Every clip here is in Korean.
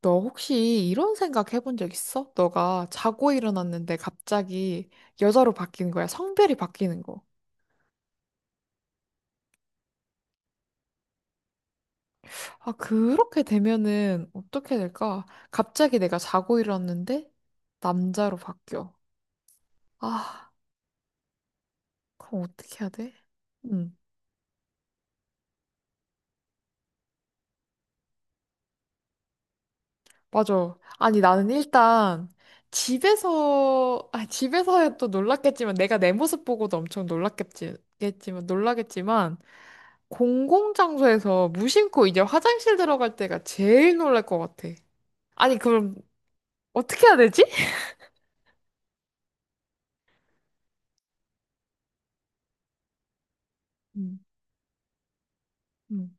너 혹시 이런 생각 해본 적 있어? 너가 자고 일어났는데 갑자기 여자로 바뀌는 거야. 성별이 바뀌는 거. 아, 그렇게 되면은 어떻게 될까? 갑자기 내가 자고 일어났는데 남자로 바뀌어. 아, 그럼 어떻게 해야 돼? 응, 맞아. 아니, 나는 일단 집에서, 아, 집에서야 또 놀랐겠지만, 내가 내 모습 보고도 엄청 놀라겠지만, 공공장소에서 무심코 이제 화장실 들어갈 때가 제일 놀랄 것 같아. 아니, 그럼 어떻게 해야 되지? 음, 음,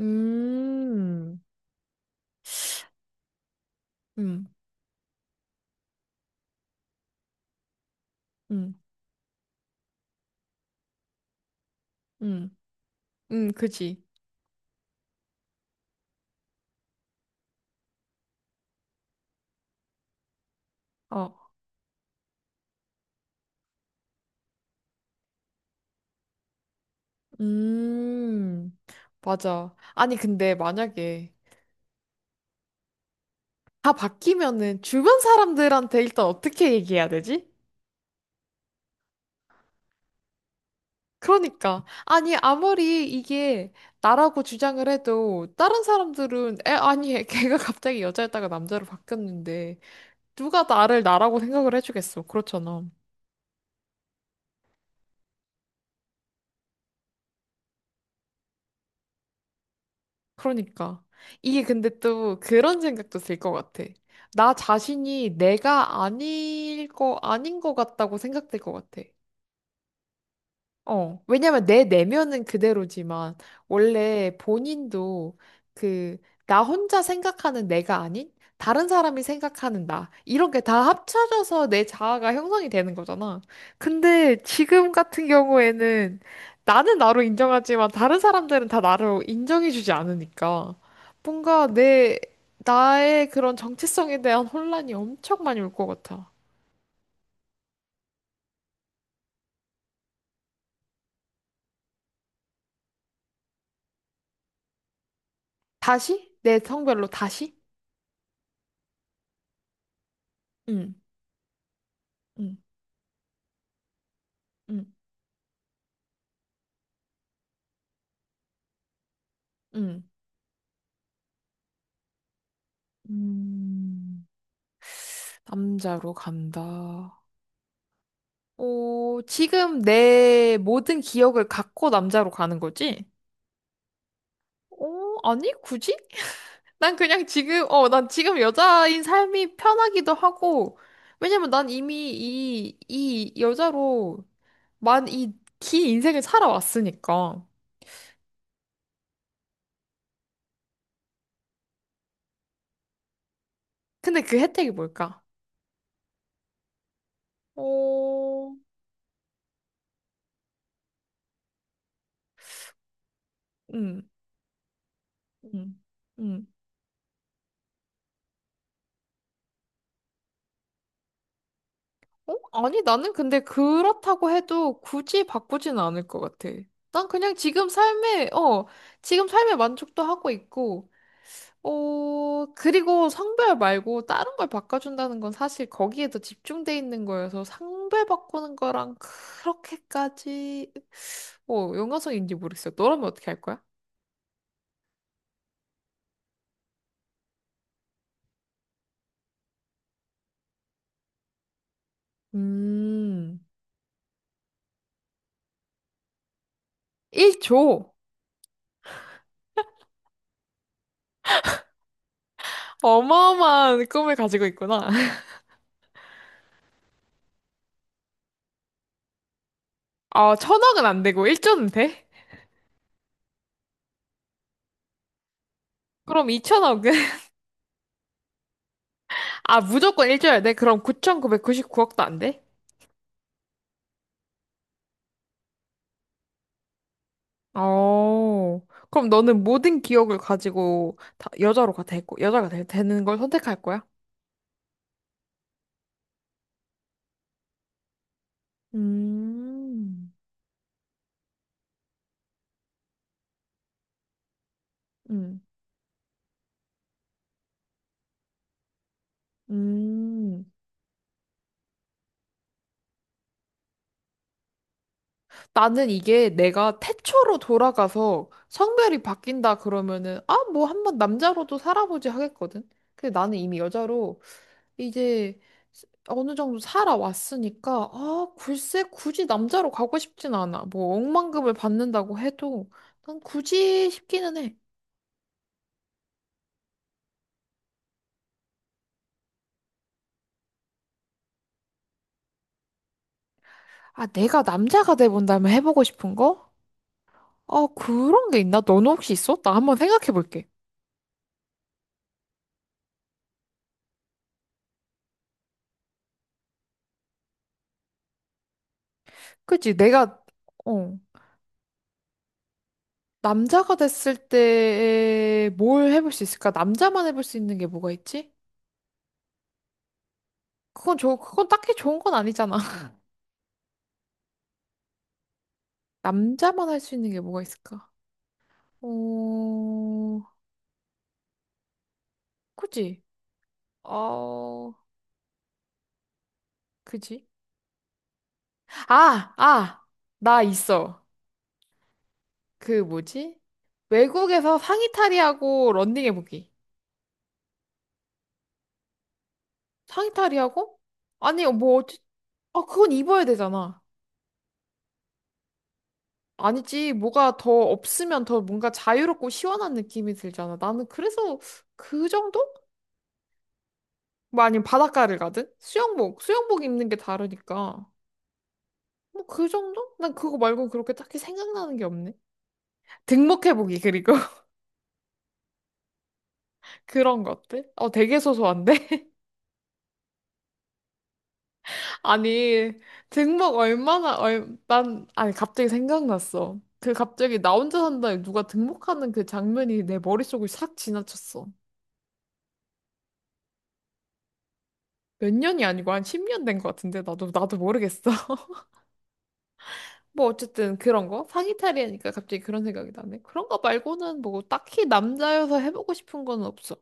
음, 음, 음, 음, 그지. 어, 음, 맞아. 아니, 근데 만약에 다 바뀌면은 주변 사람들한테 일단 어떻게 얘기해야 되지? 그러니까. 아니, 아무리 이게 나라고 주장을 해도 다른 사람들은, 에, 아니, 걔가 갑자기 여자였다가 남자로 바뀌었는데. 누가 나를 나라고 생각을 해주겠어. 그렇잖아. 그러니까. 이게 근데 또 그런 생각도 들 것 같아. 나 자신이 내가 아닐 거, 아닌 거 같다고 생각될 것 같아. 어, 왜냐면 내 내면은 그대로지만, 원래 본인도 그, 나 혼자 생각하는 내가 아닌, 다른 사람이 생각하는 나. 이런 게 다 합쳐져서 내 자아가 형성이 되는 거잖아. 근데 지금 같은 경우에는 나는 나로 인정하지만 다른 사람들은 다 나로 인정해주지 않으니까. 뭔가 내, 나의 그런 정체성에 대한 혼란이 엄청 많이 올 것 같아. 다시? 내 성별로 다시? 응, 응, 응, 응. 음, 남자로 간다. 오, 지금 내 모든 기억을 갖고 남자로 가는 거지? 오, 아니, 굳이? 난 그냥 지금, 난 지금 여자인 삶이 편하기도 하고, 왜냐면 난 이미 이 여자로 만 이 긴 인생을 살아왔으니까. 근데 그 혜택이 뭘까? 오, 응응응 어? 아니, 나는 근데 그렇다고 해도 굳이 바꾸진 않을 것 같아. 난 그냥 지금 삶에 만족도 하고 있고, 그리고 성별 말고 다른 걸 바꿔준다는 건 사실 거기에 더 집중돼 있는 거여서 성별 바꾸는 거랑 그렇게까지, 연관성인지 모르겠어. 너라면 어떻게 할 거야? 음, 1조. 어마어마한 꿈을 가지고 있구나. 아, 천억은 안 되고 1조는 돼? 그럼 2천억은? 아, 무조건 1조야 돼? 그럼 9,999억도 안 돼? 어. 그럼 너는 모든 기억을 가지고 다 여자로 가 되고 여자가 되는 걸 선택할 거야? 음, 음, 음. 나는 이게 내가 태초로 돌아가서 성별이 바뀐다 그러면은, 아, 뭐 한번 남자로도 살아보지 하겠거든? 근데 나는 이미 여자로 이제 어느 정도 살아왔으니까, 아, 글쎄, 굳이 남자로 가고 싶진 않아. 뭐, 억만금을 받는다고 해도, 난 굳이 싶기는 해. 아, 내가 남자가 돼본다면 해보고 싶은 거? 아, 그런 게 있나? 너는 혹시 있어? 나 한번 생각해 볼게. 그치, 어, 남자가 됐을 때 뭘 해볼 수 있을까? 남자만 해볼 수 있는 게 뭐가 있지? 그건 딱히 좋은 건 아니잖아. 남자만 할 수 있는 게 뭐가 있을까? 어, 그치? 어, 그지? 아, 아, 나 있어. 그 뭐지? 외국에서 상의탈의하고 런닝해보기. 상의탈의하고? 아니, 뭐, 어찌, 아, 그건 입어야 되잖아. 아니지, 뭐가 더 없으면 더 뭔가 자유롭고 시원한 느낌이 들잖아. 나는 그래서 그 정도? 뭐 아니면 바닷가를 가든? 수영복 입는 게 다르니까. 뭐 그 정도? 난 그거 말고 그렇게 딱히 생각나는 게 없네. 등목해보기, 그리고 그런 것들? 어, 되게 소소한데? 아니, 등록 얼마나, 난, 아니, 갑자기 생각났어. 그 갑자기 나 혼자 산다에 누가 등록하는 그 장면이 내 머릿속을 싹 지나쳤어. 몇 년이 아니고 한 10년 된 것 같은데, 나도 모르겠어. 뭐, 어쨌든 그런 거? 상의탈이 하니까 갑자기 그런 생각이 나네. 그런 거 말고는 뭐, 딱히 남자여서 해보고 싶은 건 없어.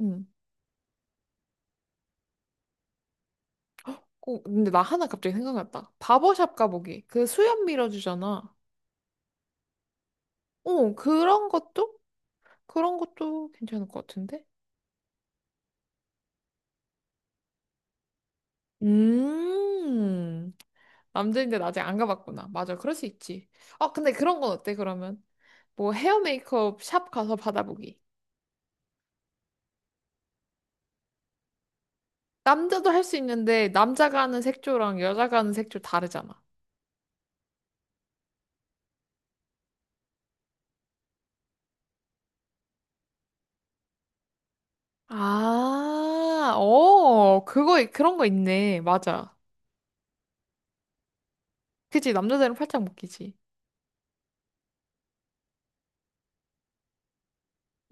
응. 꼭, 근데 나 하나 갑자기 생각났다. 바버샵 가보기. 그 수염 밀어주잖아. 어, 그런 것도? 그런 것도 괜찮을 것 같은데? 음, 남자인데 나 아직 안 가봤구나. 맞아, 그럴 수 있지. 어, 근데 그런 건 어때, 그러면? 뭐 헤어 메이크업 샵 가서 받아보기. 남자도 할 수 있는데, 남자가 하는 색조랑 여자가 하는 색조 다르잖아. 아, 그거, 그런 거 있네. 맞아. 그치, 남자들은 팔짱 묶이지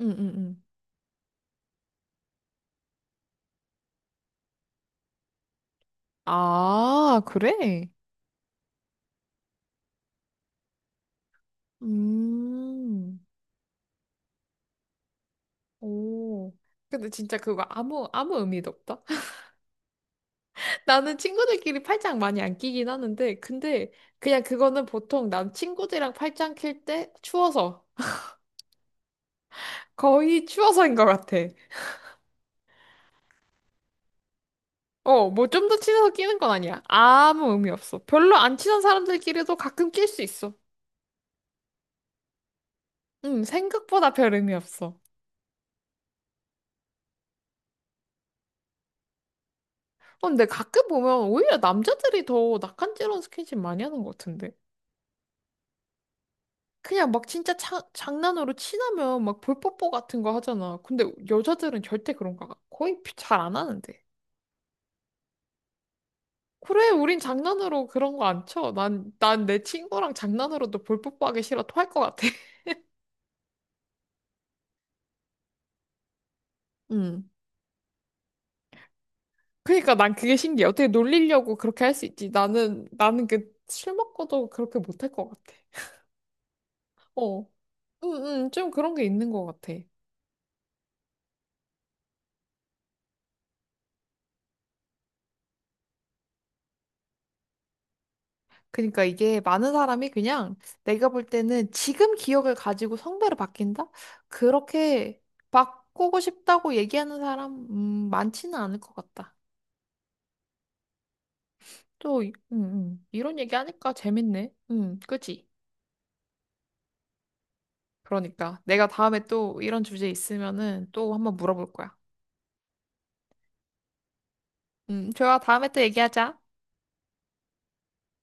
응, 응, 응. 아, 그래? 음, 오. 근데 진짜 그거 아무 의미도 없다. 나는 친구들끼리 팔짱 많이 안 끼긴 하는데, 근데 그냥 그거는 보통 난 친구들이랑 팔짱 낄 때 추워서. 거의 추워서인 것 같아. 어, 뭐 좀 더 친해서 끼는 건 아니야. 아무 의미 없어. 별로 안 친한 사람들끼리도 가끔 낄 수 있어. 생각보다 별 의미 없어. 어, 근데 가끔 보면 오히려 남자들이 더 낯간지러운 스킨십 많이 하는 것 같은데. 그냥 막 진짜 장난으로 친하면 막 볼뽀뽀 같은 거 하잖아. 근데 여자들은 절대 그런 거 거의 잘 안 하는데. 그래, 우린 장난으로 그런 거 안 쳐. 난 내 친구랑 장난으로도 볼뽀뽀하기 싫어 토할 것 같아. 음. 그러니까 난 그게 신기해. 어떻게 놀리려고 그렇게 할 수 있지? 나는 그 술 먹고도 그렇게 못할 것 같아. 어. 응, 응, 좀 그런 게 있는 것 같아. 그러니까 이게 많은 사람이 그냥 내가 볼 때는 지금 기억을 가지고 성별을 바뀐다? 그렇게 바꾸고 싶다고 얘기하는 사람, 많지는 않을 것 같다. 또, 이런 얘기 하니까 재밌네. 그치? 그러니까 내가 다음에 또 이런 주제 있으면은 또 한번 물어볼 거야. 좋아. 다음에 또 얘기하자.